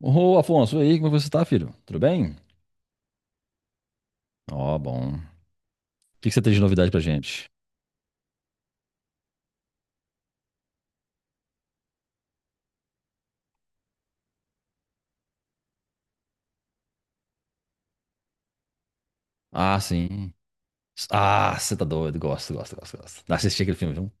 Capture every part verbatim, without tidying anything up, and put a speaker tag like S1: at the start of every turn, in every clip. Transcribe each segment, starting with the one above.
S1: Ô, Afonso, e aí, como é que você tá, filho? Tudo bem? Ó, bom. O que que você tem de novidade pra gente? Ah, sim. Ah, você tá doido. Gosto, gosto, gosto, gosto. Assisti aquele filme, viu?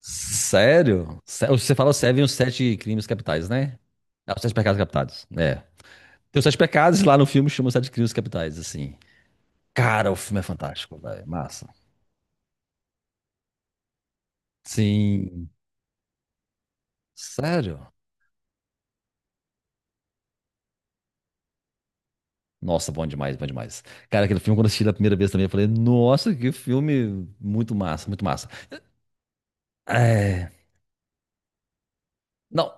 S1: Sério? Sé- Você fala Seven, os Sete Crimes Capitais, né? Ah, os Sete Pecados Capitais. É. Tem os Sete Pecados e lá no filme, chama os Sete Crimes Capitais, assim. Cara, o filme é fantástico, velho. Massa. Sim. Sério? Nossa, bom demais, bom demais. Cara, aquele filme, quando eu assisti da primeira vez também, eu falei, nossa, que filme muito massa, muito massa. É. Não,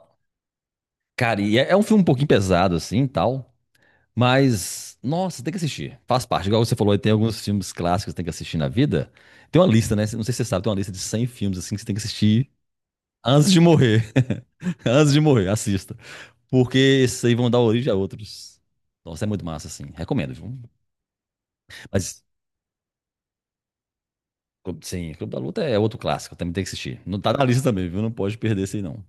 S1: cara, e é, é um filme um pouquinho pesado, assim, e tal. Mas, nossa, tem que assistir. Faz parte. Igual você falou, aí tem alguns filmes clássicos que tem que assistir na vida. Tem uma lista, né? Não sei se você sabe, tem uma lista de cem filmes, assim, que você tem que assistir antes de morrer. Antes de morrer, assista. Porque esses aí vão dar origem a outros. Nossa, é muito massa, assim. Recomendo, viu? Mas, sim, Clube da Luta é outro clássico, também tem que assistir. Não tá na lista também, viu? Não pode perder esse aí, não.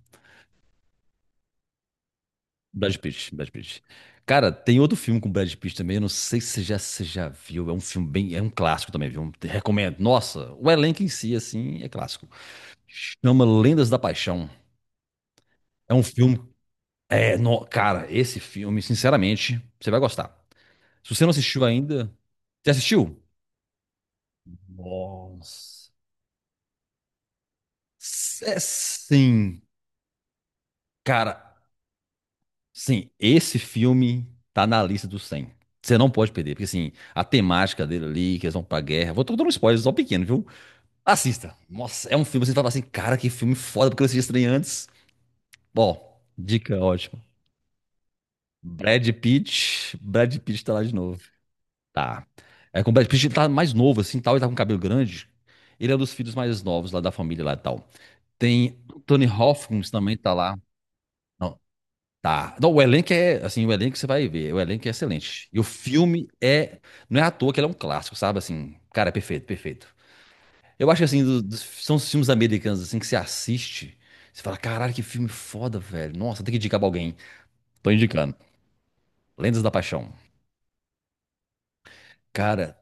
S1: Brad Pitt, Brad Pitt. Cara, tem outro filme com Brad Pitt também, eu não sei se você já, se você já viu, é um filme bem, é um clássico também, viu? Te recomendo. Nossa, o elenco em si, assim, é clássico. Chama Lendas da Paixão. É um filme, é, no- cara, esse filme, sinceramente, você vai gostar. Se você não assistiu ainda, você assistiu? Nossa. É, sim, cara. Sim, esse filme tá na lista dos cem. Você não pode perder, porque assim, a temática dele ali, que eles vão pra guerra. Vou tô dando um spoiler só um pequeno, viu? Assista. Nossa, é um filme, você fala assim, cara, que filme foda, porque eu assisti estranho antes. Bom, dica ótima. Brad Pitt, Brad Pitt tá lá de novo. Tá. É com o Brad Pitt, ele tá mais novo, assim, tal, ele tá com cabelo grande. Ele é um dos filhos mais novos lá da família lá e tal. Tem Anthony Hopkins também tá lá. Tá. Não, o elenco é, assim, o elenco você vai ver, o elenco é excelente. E o filme é, não é à toa que ele é um clássico, sabe? Assim, cara, é perfeito, perfeito. Eu acho que, assim, do- dos- são os filmes americanos, assim, que você assiste, você fala, caralho, que filme foda, velho. Nossa, tem que indicar pra alguém. Tô indicando. Lendas da Paixão. Cara,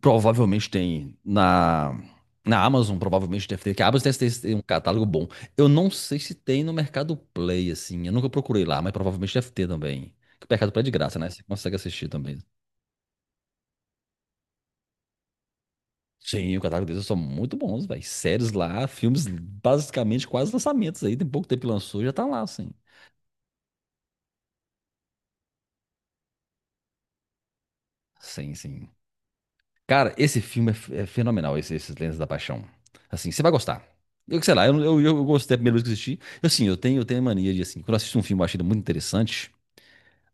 S1: provavelmente tem na, na Amazon, provavelmente deve ter, que a Amazon deve ter tem um catálogo bom. Eu não sei se tem no Mercado Play, assim, eu nunca procurei lá, mas provavelmente deve ter também. Que o Mercado Play é de graça, né? Você consegue assistir também. Sim, o catálogo deles são muito bons, velho. Séries lá, filmes basicamente quase lançamentos aí. Tem pouco tempo que lançou, já tá lá, assim. Sim, sim. Cara, esse filme é, f- é fenomenal, esse, esses Lendas da Paixão. Assim, você vai gostar. Eu sei lá, eu, eu, eu gostei a primeira vez que eu assisti. Eu, assim, eu tenho, eu tenho mania de, assim, quando eu assisto um filme, eu acho ele muito interessante.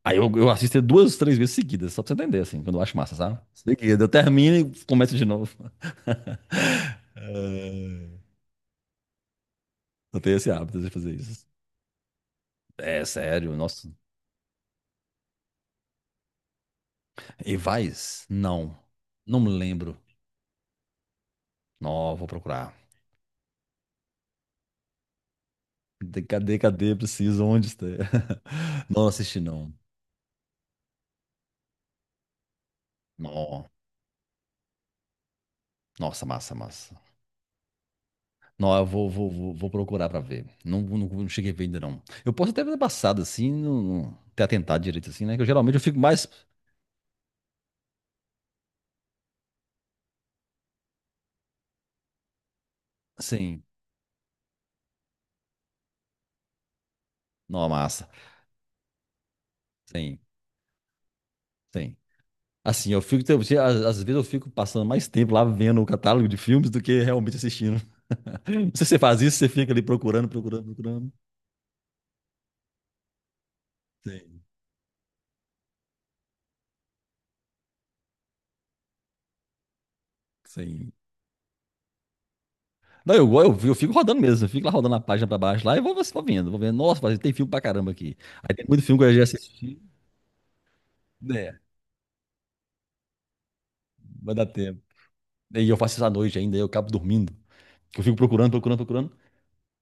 S1: Aí eu, eu assisto ele duas, três vezes seguidas, só pra você entender, assim, quando eu acho massa, sabe? Seguida, eu termino e começo de novo. É, eu tenho esse hábito de fazer isso. É sério, nossa. Evais? Não. Não me lembro. Não, vou procurar. De- Cadê, cadê? Preciso, onde está? Não assisti, não. Não. Nossa, massa, massa. Não, eu vou, vou, vou, vou procurar pra ver. Não, não, não cheguei a ver ainda, não. Eu posso até ter passado assim, não, não ter atentado direito assim, né? Que eu geralmente eu fico mais. Sim, não, massa. Sim, sim. Assim, eu fico. tem- tem- Às às vezes eu fico passando mais tempo lá vendo o catálogo de filmes do que realmente assistindo. Não sei se você faz isso, você fica ali procurando, procurando, procurando. Sim. Sim. Não, eu, go- eu, eu fico rodando mesmo, eu fico lá rodando a página pra baixo lá e vou, vou vendo, vou vendo. Nossa, mas tem filme pra caramba aqui. Aí tem muito filme que eu já assisti. Né, vai dar tempo. E eu faço isso à noite ainda, eu acabo dormindo. Que eu fico procurando, procurando, procurando.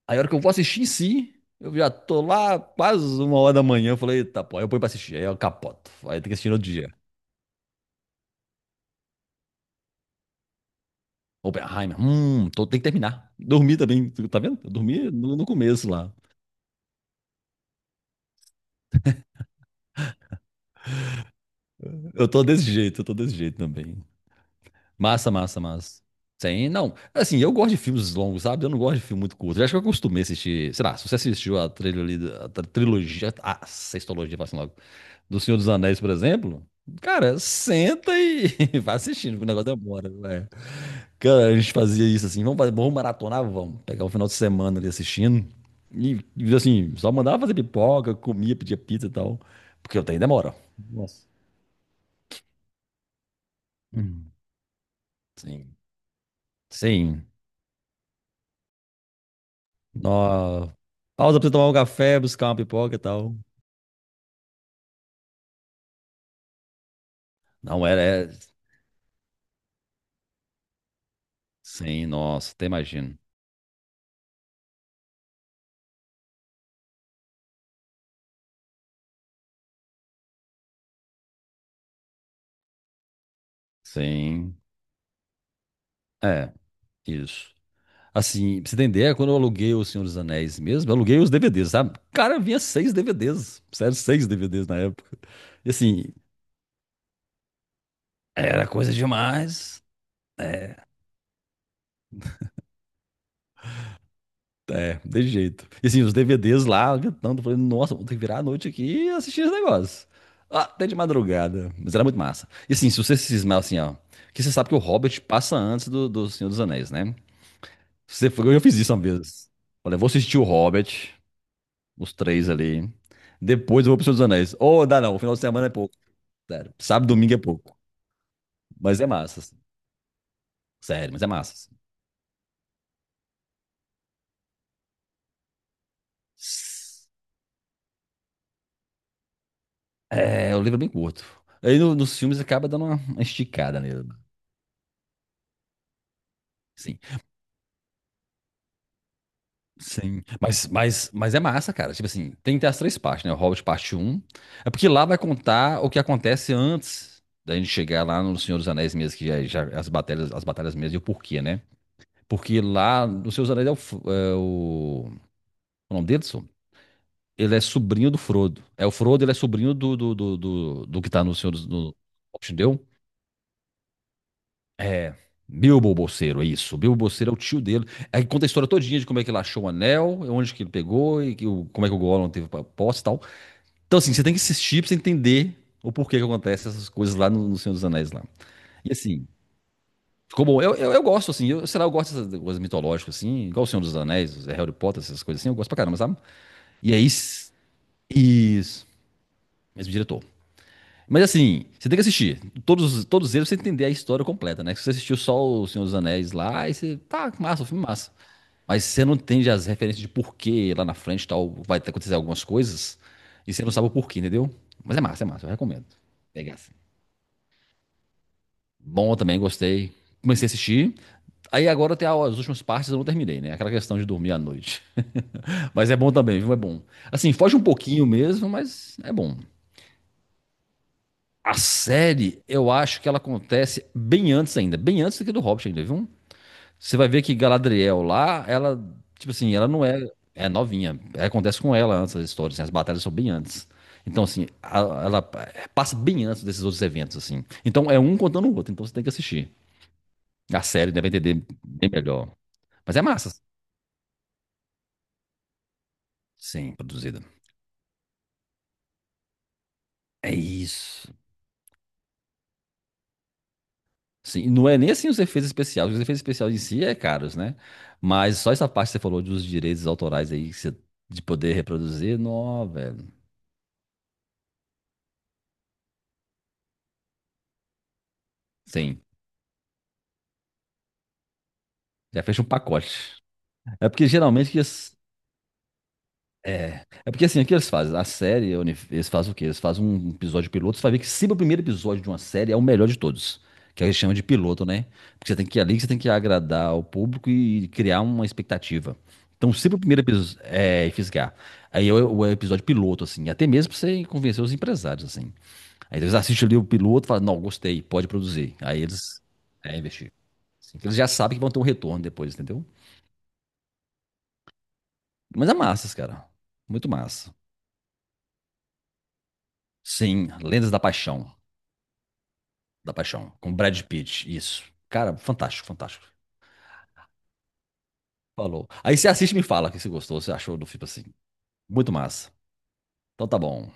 S1: Aí a hora que eu vou assistir em si, eu já tô lá quase uma hora da manhã. Eu falei, eita, pô, aí eu ponho pra assistir. Aí eu capoto. Aí tem que assistir no outro dia. Oppenheimer, hum, tô, tem que terminar. Dormi também, tu tá vendo? Eu dormi no, no começo lá. Eu tô desse jeito, eu tô desse jeito também. Massa, massa, massa. Sim, não. Assim, eu gosto de filmes longos, sabe? Eu não gosto de filme muito curto. Eu acho que eu acostumei a assistir. Sei lá, se você assistiu a trilha trilogia, a tri- trilogia, a sextologia, assim logo, do Senhor dos Anéis, por exemplo, cara, senta e vai assistindo, que o negócio demora, né? Cara, a gente fazia isso assim, vamos fazer, vamos maratonar, vamos pegar um final de semana ali assistindo. E, e, assim, só mandava fazer pipoca, comia, pedia pizza e tal. Porque o trem demora. Nossa. Hum. Sim. Sim. Nó, pausa pra você tomar um café, buscar uma pipoca e tal. Não era. É... Sim, nossa, até imagino. Sim. É, isso. Assim, pra você entender, quando eu aluguei O Senhor dos Anéis mesmo, eu aluguei os D V Ds, sabe? Cara, vinha seis D V Ds. Sério, seis D V Ds na época. E assim, era coisa demais, né? É, de jeito. E assim, os D V Ds lá, tanto, eu falei, nossa, vou ter que virar a noite aqui e assistir esse negócio. Ah, até de madrugada, mas era muito massa. E assim, se você se cismar assim, ó, que você sabe que o Hobbit passa antes do, do Senhor dos Anéis, né? Você, foi- eu já fiz isso uma vez. Falei, vou assistir o Hobbit, os três ali, depois eu vou pro Senhor dos Anéis. Ou dá não, o final de semana é pouco, sério. Sábado, domingo é pouco, mas é massa, assim. Sério, mas é massa, assim. É, o livro é bem curto. Aí no- nos filmes acaba dando uma uma esticada nele, sim. Sim, mas, mas, mas é massa, cara. Tipo assim, tem que ter as três partes, né? O Hobbit parte um. É porque lá vai contar o que acontece antes da gente chegar lá no Senhor dos Anéis mesmo, que já, já- as batalhas, as batalhas mesmo e o porquê, né? Porque lá no Senhor dos Anéis é o, F- é o, o nome dele, Edson? Ele é sobrinho do Frodo. É o Frodo, ele é sobrinho do do, do, do, do que tá no Senhor dos no, Hobbit, entendeu? É, Bilbo Bolseiro, é isso. Bilbo Bolseiro é o tio dele. Aí conta a história todinha de como é que ele achou o anel, onde que ele pegou e que o- como é que o Gollum teve pra posse e tal. Então, assim, você tem que assistir pra você entender o porquê que acontece essas coisas lá no, no Senhor dos Anéis lá. E assim, ficou bom. Eu, eu, eu gosto, assim, eu, sei lá, eu gosto dessas coisas mitológicas, assim, igual o Senhor dos Anéis, Harry Potter, essas coisas assim, eu gosto pra caramba, sabe? E aí, s- isso. Mesmo diretor. Mas assim, você tem que assistir. Todos, todos eles pra você entender a história completa, né? Se você assistiu só O Senhor dos Anéis lá, aí você. Tá, massa, o filme massa. Mas você não entende as referências de porquê lá na frente tal, vai acontecer algumas coisas, e você não sabe o porquê, entendeu? Mas é massa, é massa, eu recomendo. Pegar assim. Bom também, gostei. Comecei a assistir. Aí agora tem as últimas partes, eu não terminei, né? Aquela questão de dormir à noite. Mas é bom também, viu? É bom. Assim, foge um pouquinho mesmo, mas é bom. A série, eu acho que ela acontece bem antes ainda, bem antes do que do Hobbit ainda, viu? Você vai ver que Galadriel lá, ela, tipo assim, ela não é, é novinha. Acontece com ela antes as histórias, assim, as batalhas são bem antes. Então, assim, a- ela passa bem antes desses outros eventos, assim. Então, é um contando o outro, então você tem que assistir. A série deve entender bem melhor. Mas é massa. Sim, produzida. É isso. Sim, não é nem assim os efeitos especiais. Os efeitos especiais em si é caros, né? Mas só essa parte que você falou dos direitos autorais aí, que você- de poder reproduzir, não, velho. Sim, já fecha um pacote. É porque geralmente que as- É porque assim, o que eles fazem? A série, Oni, eles fazem o quê? Eles fazem um episódio piloto, você vai ver que sempre o primeiro episódio de uma série é o melhor de todos. Que eles chamam de piloto, né? Porque você tem que ir ali, que você tem que agradar o público e criar uma expectativa. Então, sempre o primeiro episódio é fisgar. Aí é o o episódio piloto, assim. Até mesmo pra você convencer os empresários, assim. Aí eles assistem ali o piloto e falam, não, gostei, pode produzir. Aí eles é, investir. Assim, que eles já sabem que vão ter um retorno depois, entendeu? Mas é massas, cara. Muito massa. Sim, Lendas da Paixão. Da Paixão, com Brad Pitt, isso. Cara, fantástico, fantástico. Falou. Aí você assiste e me fala o que você gostou, você achou do filme assim. Muito massa. Então tá bom.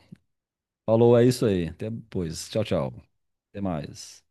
S1: Falou, é isso aí. Até depois. Tchau, tchau. Até mais.